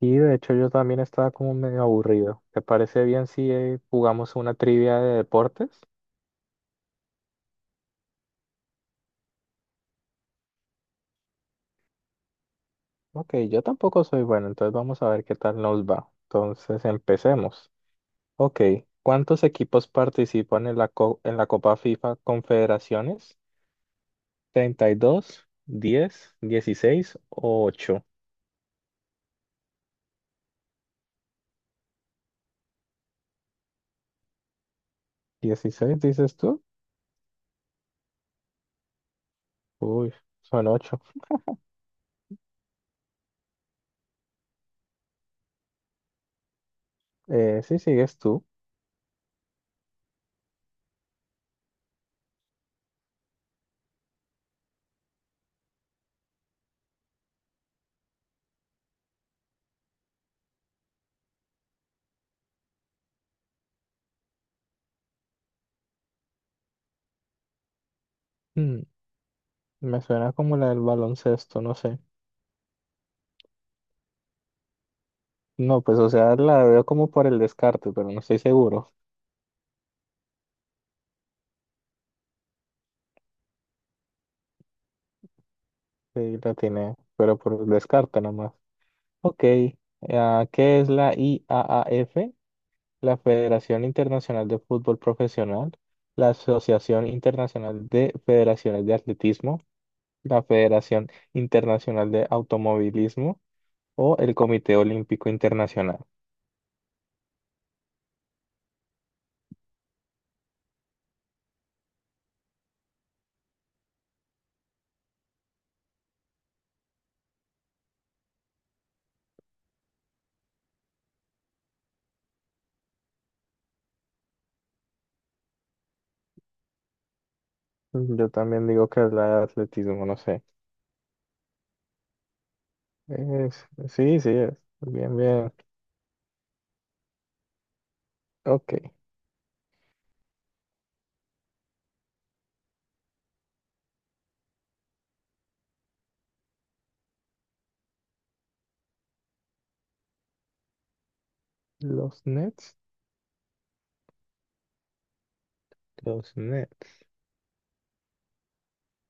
Y de hecho yo también estaba como medio aburrido. ¿Te parece bien si jugamos una trivia de deportes? Ok, yo tampoco soy bueno, entonces vamos a ver qué tal nos va. Entonces empecemos. Ok, ¿cuántos equipos participan en en la Copa FIFA Confederaciones? ¿32, 10, 16 o ocho? ¿16 dices tú? Uy, son ocho. Sí sigues tú. Hmm, Me suena como la del baloncesto, no sé. No, pues o sea, la veo como por el descarte, pero no estoy seguro. Sí, la tiene, pero por el descarte nomás. Ok, ah, ¿qué es la IAAF? La Federación Internacional de Fútbol Profesional, la Asociación Internacional de Federaciones de Atletismo, la Federación Internacional de Automovilismo o el Comité Olímpico Internacional. Yo también digo que es la de atletismo, no sé. Sí, sí, es. Bien, bien. Ok, los Nets. Los Nets,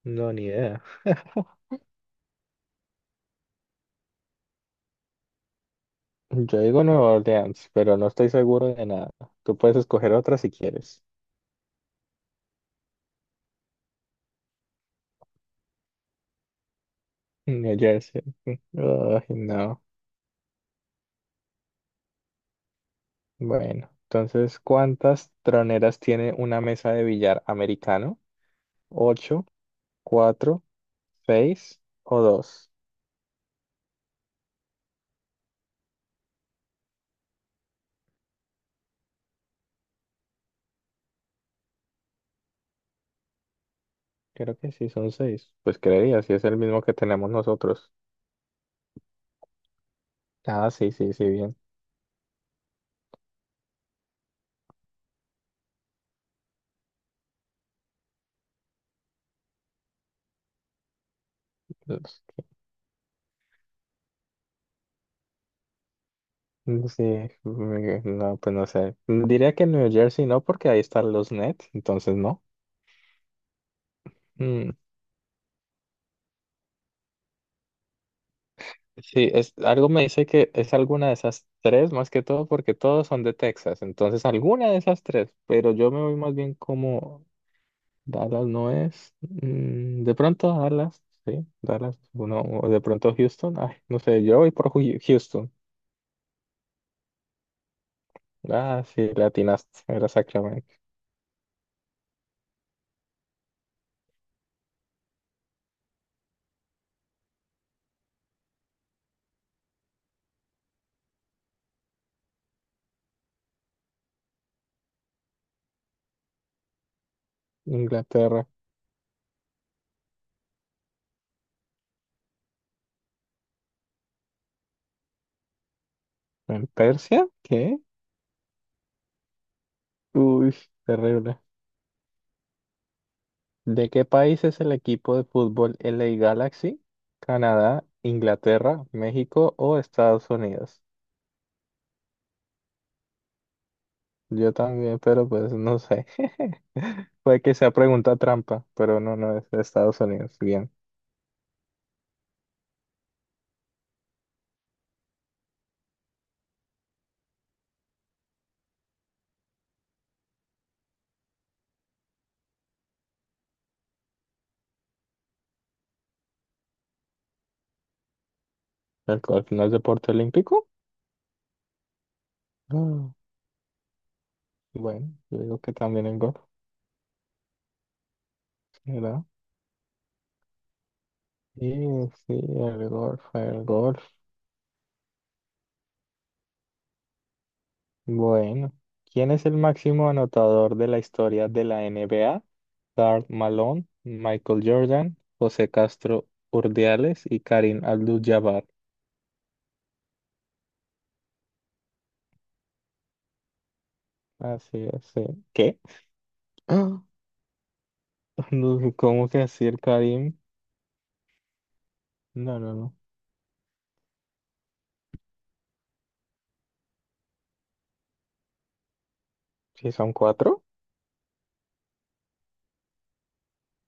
no, ni idea. Yo digo Nueva Orleans, pero no estoy seguro de nada. Tú puedes escoger otra si quieres. New Jersey. Ay, no. Bueno, entonces, ¿cuántas troneras tiene una mesa de billar americano? ¿Ocho, cuatro, seis o dos? Creo que sí, son seis. Pues creería, si es el mismo que tenemos nosotros. Ah, sí, sí, sí, bien. Los- Sí, no, pues no sé. Diría que New Jersey no, porque ahí están los Nets, entonces no. Mm, sí, es, algo me dice que es alguna de esas tres, más que todo porque todos son de Texas, entonces alguna de esas tres, pero yo me voy más bien como Dallas no es, de pronto Dallas, sí, Dallas, uno, o de pronto Houston, ay, no sé, yo voy por Houston. Ah, sí, latinaste, era Sacramento. Inglaterra. ¿En Persia? ¿Qué? Uy, terrible. ¿De qué país es el equipo de fútbol LA Galaxy? ¿Canadá, Inglaterra, México o Estados Unidos? Yo también, pero pues no sé. Puede que sea pregunta trampa, pero no, no es de Estados Unidos. Bien. ¿El golf no es deporte olímpico? Ah, bueno, yo digo que también el golf, ¿verdad? Sí, sí, el golf, el golf. Bueno, ¿quién es el máximo anotador de la historia de la NBA? Karl Malone, Michael Jordan, José Castro Urdiales y Karim Abdul-Jabbar. Así es, sí. ¿Qué? Ah, no, ¿cómo que así el Karim? No, no, no. ¿Sí son cuatro?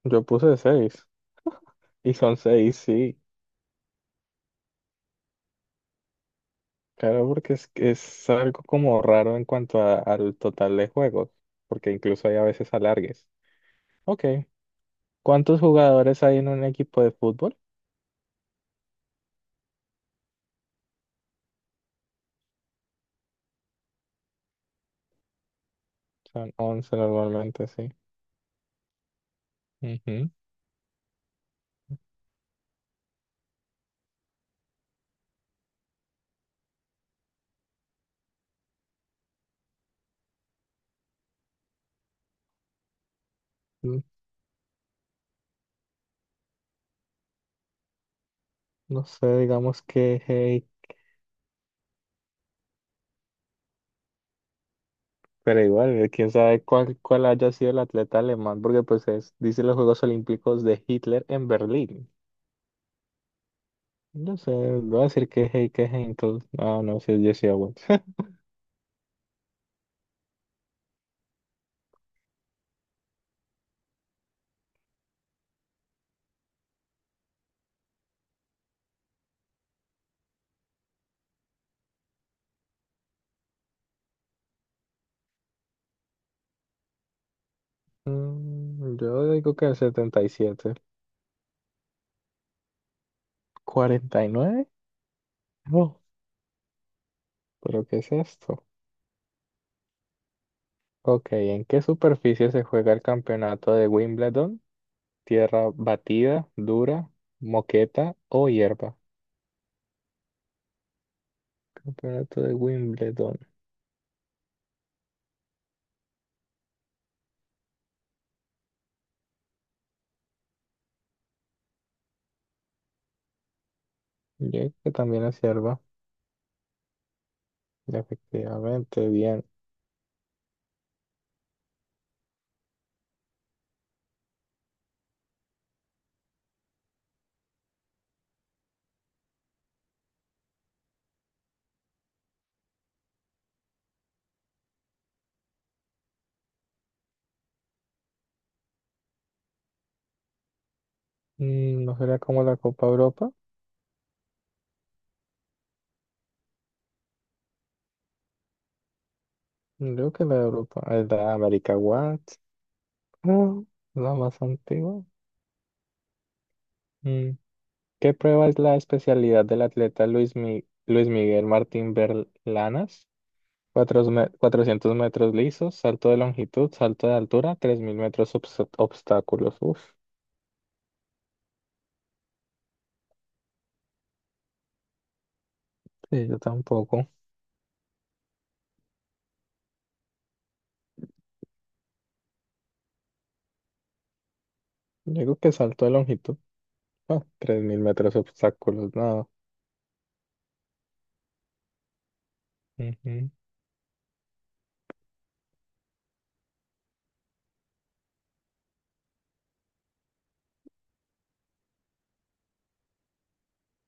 Yo puse seis. Y son seis, sí. Claro, porque es algo como raro en cuanto al total de juegos, porque incluso hay a veces alargues. Ok. ¿Cuántos jugadores hay en un equipo de fútbol? Son 11 normalmente, sí. Ujú. Mm, No sé, digamos que, pero igual, quién sabe cuál haya sido el atleta alemán, porque pues es, dice los Juegos Olímpicos de Hitler en Berlín. No sé, voy a decir que es Heike Henkel. Ah, no, si es Jesse Owens. Yo digo que el 77. ¿49? No, pero ¿qué es esto? Ok, ¿en qué superficie se juega el campeonato de Wimbledon? ¿Tierra batida, dura, moqueta o hierba? Campeonato de Wimbledon. Yo creo que también es hierba. Efectivamente, bien. ¿No será como la Copa Europa? Creo que la de Europa, es la América What? Ah, la más antigua. Mm, ¿Qué prueba es la especialidad del atleta Luis Miguel Martín Berlanas? 400 metros lisos, salto de longitud, salto de altura, 3000 metros obstáculos. Uf, sí, yo tampoco. Yo digo que salto de longitud, ah, 3000 metros obstáculos, nada. Ujú.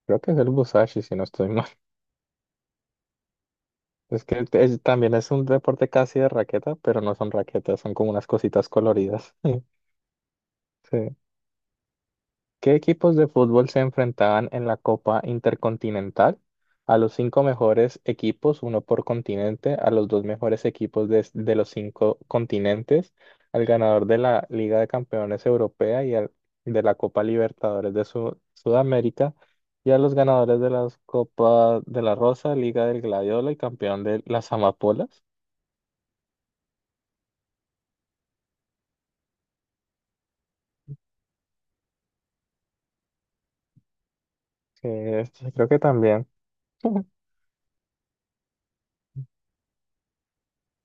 Creo que es el Busashi, si no estoy mal. Es que también es un deporte casi de raqueta, pero no son raquetas, son como unas cositas coloridas. Sí. ¿Qué equipos de fútbol se enfrentaban en la Copa Intercontinental? A los cinco mejores equipos, uno por continente, a los dos mejores equipos de los cinco continentes, al ganador de la Liga de Campeones Europea y al, de la Copa Libertadores de Sudamérica, y a los ganadores de las Copa de la Rosa, Liga del Gladiola y campeón de las Amapolas. Sí, creo que también.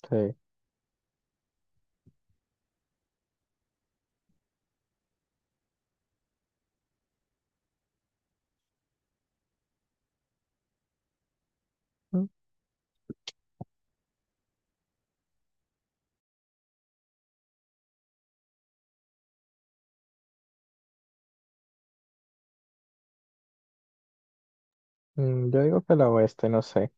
Sí. Yo digo que la oeste, no sé.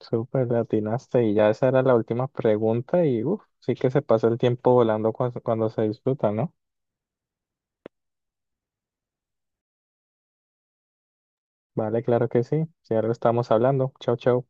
Súper latinaste y ya esa era la última pregunta y uf, sí que se pasa el tiempo volando cuando se disfruta, ¿no? Vale, claro que sí. Si algo estamos hablando. Chau, chau.